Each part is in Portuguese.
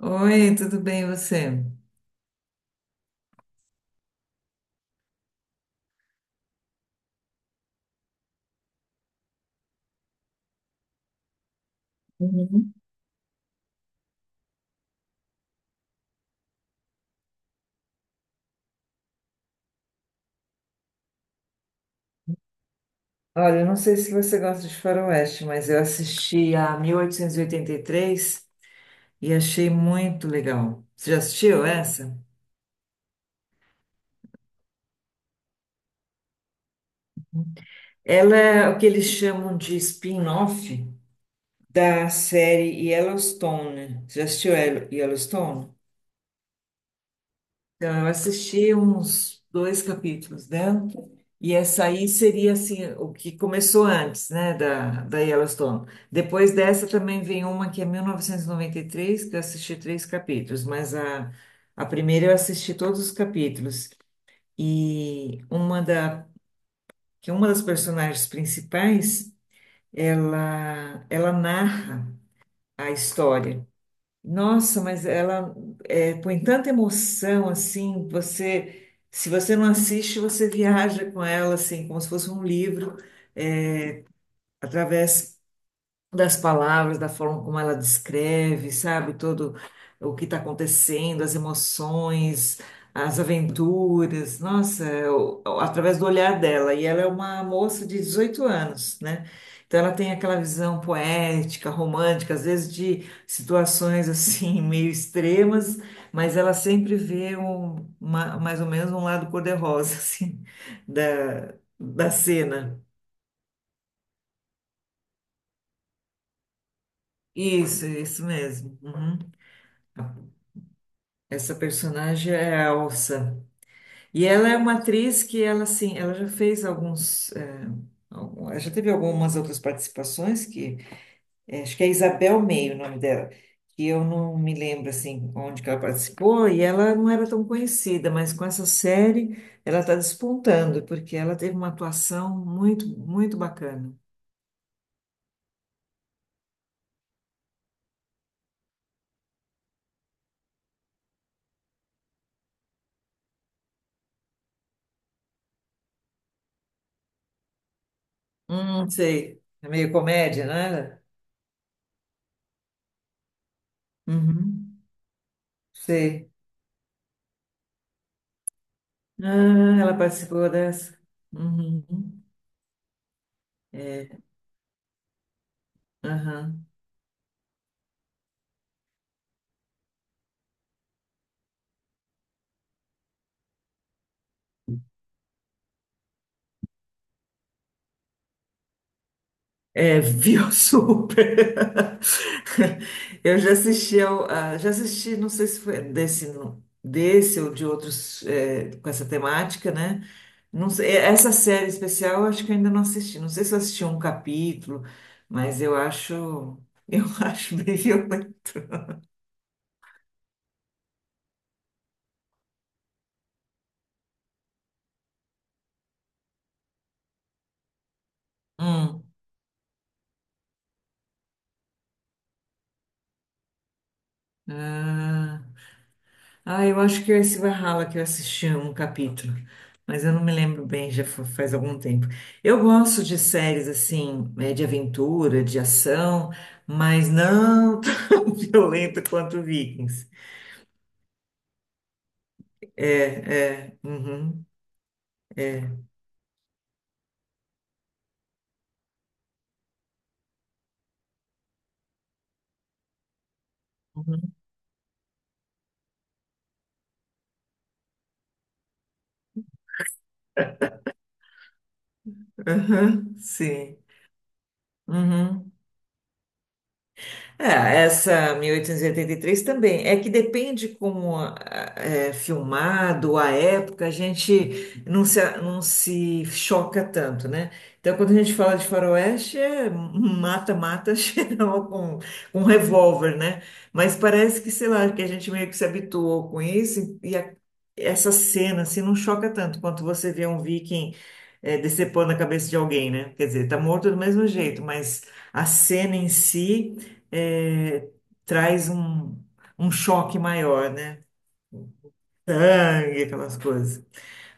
Oi, tudo bem e você? Uhum. Olha, eu não sei se você gosta de Faroeste, mas eu assisti a 1883 e oitenta e três e achei muito legal. Você já assistiu essa? Ela é o que eles chamam de spin-off da série Yellowstone. Você já assistiu Yellowstone? Então, eu assisti uns dois capítulos, né? E essa aí seria, assim, o que começou antes, né, da Yellowstone. Depois dessa também vem uma que é 1993, que eu assisti três capítulos, mas a primeira eu assisti todos os capítulos. E uma da, que uma das personagens principais, ela narra a história. Nossa, mas ela é, põe tanta emoção assim, você, se você não assiste, você viaja com ela assim, como se fosse um livro, é, através das palavras, da forma como ela descreve, sabe, todo o que está acontecendo, as emoções, as aventuras, nossa, através do olhar dela. E ela é uma moça de 18 anos, né? Então ela tem aquela visão poética, romântica, às vezes de situações assim meio extremas, mas ela sempre vê mais ou menos um lado cor-de-rosa assim da, da cena. Isso mesmo. Uhum. Essa personagem é a Elsa. E ela é uma atriz que ela assim, ela já fez ela já teve algumas outras participações que eh, acho que é Isabel Meio o nome dela, que eu não me lembro assim onde que ela participou e ela não era tão conhecida, mas com essa série ela está despontando porque ela teve uma atuação muito muito bacana. Sei. É meio comédia, não era? Uhum, sei. Ah, ela participou dessa. Uhum. É. Aham. É, viu super. Eu já assisti já assisti, não sei se foi desse, desse ou de outros é, com essa temática, né? Não sei, eh, essa série especial eu acho que eu ainda não assisti. Não sei se eu assisti um capítulo, mas eu acho, eu acho bem violento. Hum. Ah. Ah, eu acho que é esse Valhalla que eu assisti um capítulo, mas eu não me lembro bem, já faz algum tempo. Eu gosto de séries assim, eh, de aventura, de ação, mas não tão violento quanto Vikings. É, é, uhum, aham, sim. Uhum. É, essa mil oitocentos e oitenta e três também. É que depende como é filmado, a época, a gente não se choca tanto, né? Então, quando a gente fala de faroeste, é mata-mata geral com um revólver, né? Mas parece que, sei lá, que a gente meio que se habituou com isso e essa cena, assim, não choca tanto quanto você vê um viking decepando a cabeça de alguém, né? Quer dizer, tá morto do mesmo jeito, mas a cena em si é, traz um choque maior, né? Sangue, aquelas coisas.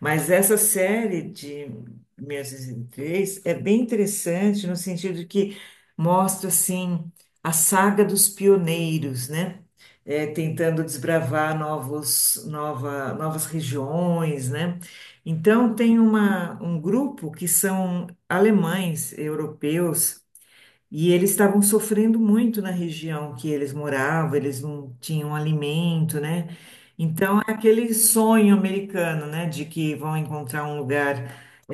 Mas essa série de 1903 é bem interessante no sentido de que mostra, assim, a saga dos pioneiros, né? É, tentando desbravar novas regiões, né? Então, tem um grupo que são alemães, europeus, e eles estavam sofrendo muito na região que eles moravam, eles não tinham alimento, né? Então, é aquele sonho americano, né, de que vão encontrar um lugar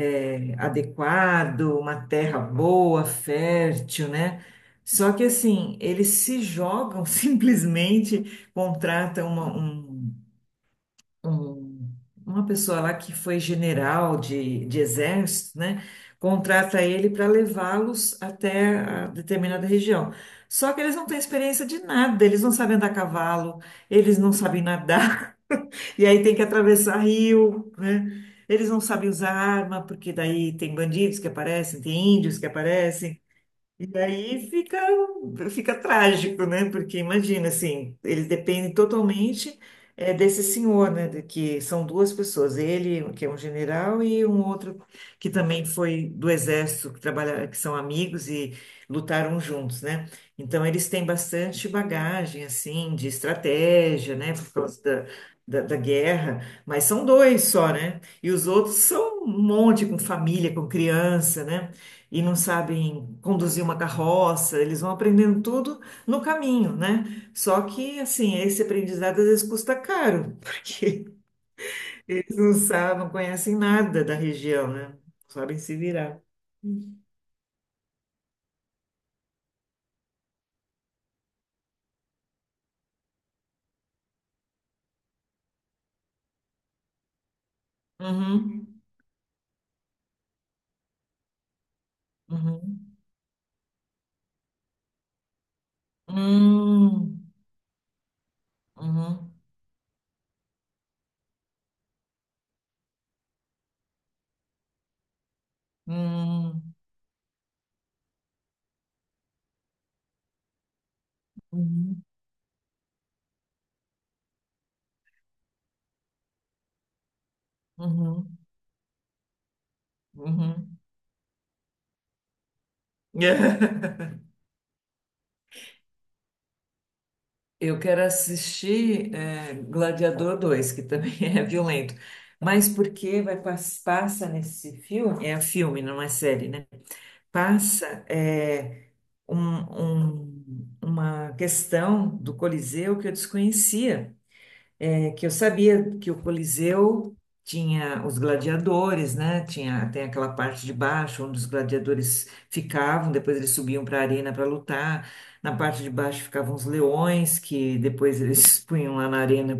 eh, adequado, uma terra boa, fértil, né? Só que, assim, eles se jogam simplesmente, contratam um- uma pessoa lá que foi general de exército, né? Contrata ele para levá-los até a determinada região. Só que eles não têm experiência de nada, eles não sabem andar a cavalo, eles não sabem nadar, e aí tem que atravessar rio, né? Eles não sabem usar arma, porque daí tem bandidos que aparecem, tem índios que aparecem. E daí fica trágico, né? Porque imagina, assim, eles dependem totalmente eh, desse senhor, né? De que são duas pessoas, ele, que é um general, e um outro que também foi do exército, que trabalha, que são amigos e lutaram juntos, né? Então eles têm bastante bagagem, assim, de estratégia, né? Por causa da guerra, mas são dois só, né? E os outros são um monte, com família, com criança, né? E não sabem conduzir uma carroça, eles vão aprendendo tudo no caminho, né? Só que, assim, esse aprendizado às vezes custa caro, porque eles não sabem, não conhecem nada da região, né? Não sabem se virar. Uhum, uhum, uhum, uhum, uhum, uhum, uhum, uhum. Eu quero assistir Gladiador 2, que também é violento. Mas porque vai passa nesse filme? É filme, não é série, né? Passa eh, um- uma questão do Coliseu que eu desconhecia. É que eu sabia que o Coliseu tinha os gladiadores, né? Tinha, tem aquela parte de baixo onde os gladiadores ficavam, depois eles subiam para a arena para lutar. Na parte de baixo ficavam os leões, que depois eles punham lá na arena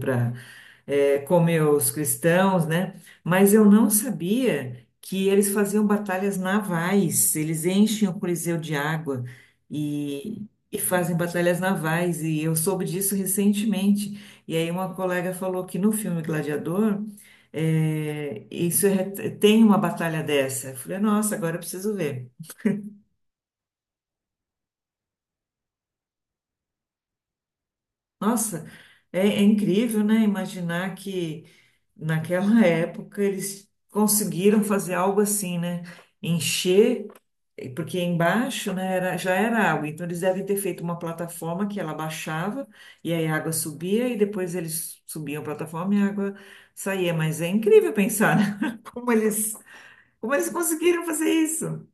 é, comeu os cristãos, né? Mas eu não sabia que eles faziam batalhas navais, eles enchem o Coliseu de água e, e fazem batalhas navais, e eu soube disso recentemente. E aí uma colega falou que no filme Gladiador, é, tem uma batalha dessa. Eu falei, nossa, agora eu preciso ver. Nossa, é incrível, né? Imaginar que naquela época eles conseguiram fazer algo assim, né? Encher, porque embaixo, né, era, já era água, então eles devem ter feito uma plataforma que ela baixava e aí a água subia e depois eles subiam a plataforma e a água saía. Mas é incrível pensar, né? Como eles conseguiram fazer isso.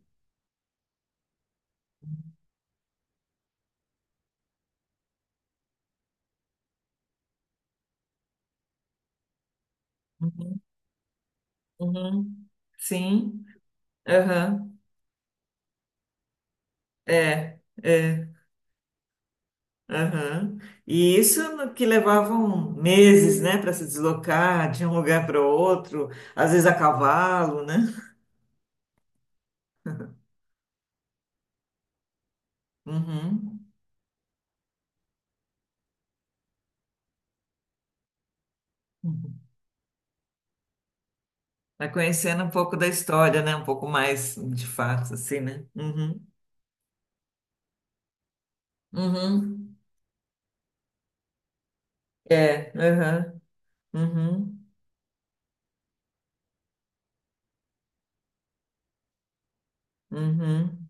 Uhum, uhum. Sim, aham, é, é. Aham. E isso no- que levavam meses, né, para se deslocar de um lugar para o outro, às vezes a cavalo, né? Uhum. Uhum. Vai conhecendo um pouco da história, né? Um pouco mais de fato, assim, né? Uhum. Uhum. É, aham. Uhum. Uhum.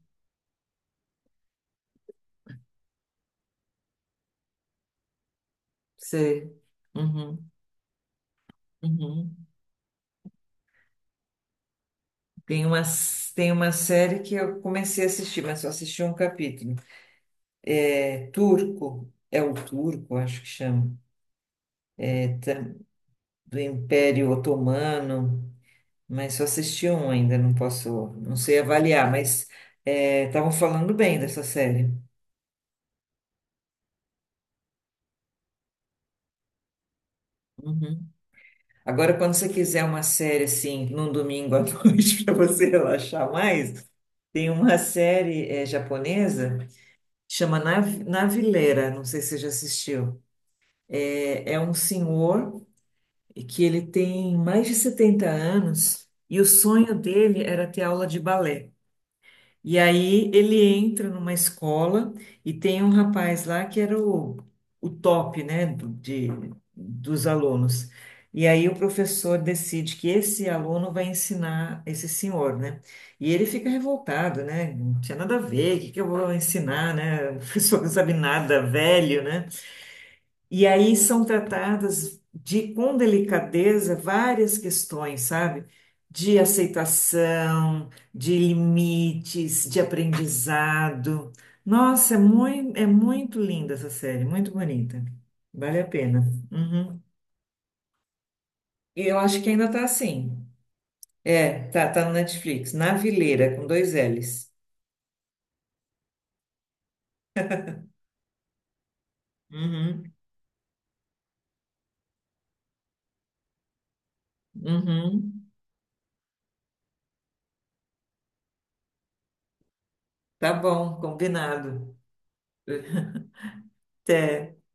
Sei. Uhum. Uhum. Tem uma, tem uma série que eu comecei a assistir, mas só assisti um capítulo. É o turco, acho que chama. Do Império Otomano, mas só assisti um ainda, não posso, não sei avaliar, mas é, estavam falando bem dessa série. Uhum. Agora, quando você quiser uma série assim, num domingo à noite, para você relaxar mais, tem uma série japonesa, chama Navileira, não sei se você já assistiu. É, é um senhor que ele tem mais de 70 anos e o sonho dele era ter aula de balé. E aí ele entra numa escola e tem um rapaz lá que era o top, né, dos alunos. E aí o professor decide que esse aluno vai ensinar esse senhor, né? E ele fica revoltado, né? Não tinha nada a ver, o que que eu vou ensinar, né? O professor não sabe nada, velho, né? E aí são tratadas com delicadeza várias questões, sabe? De aceitação, de limites, de aprendizado. Nossa, é muito linda essa série, muito bonita. Vale a pena. Uhum. E eu acho que ainda tá assim. É, tá, tá no Netflix. Na Vileira, com dois L's. Uhum, uhum. Tá bom, combinado. Até.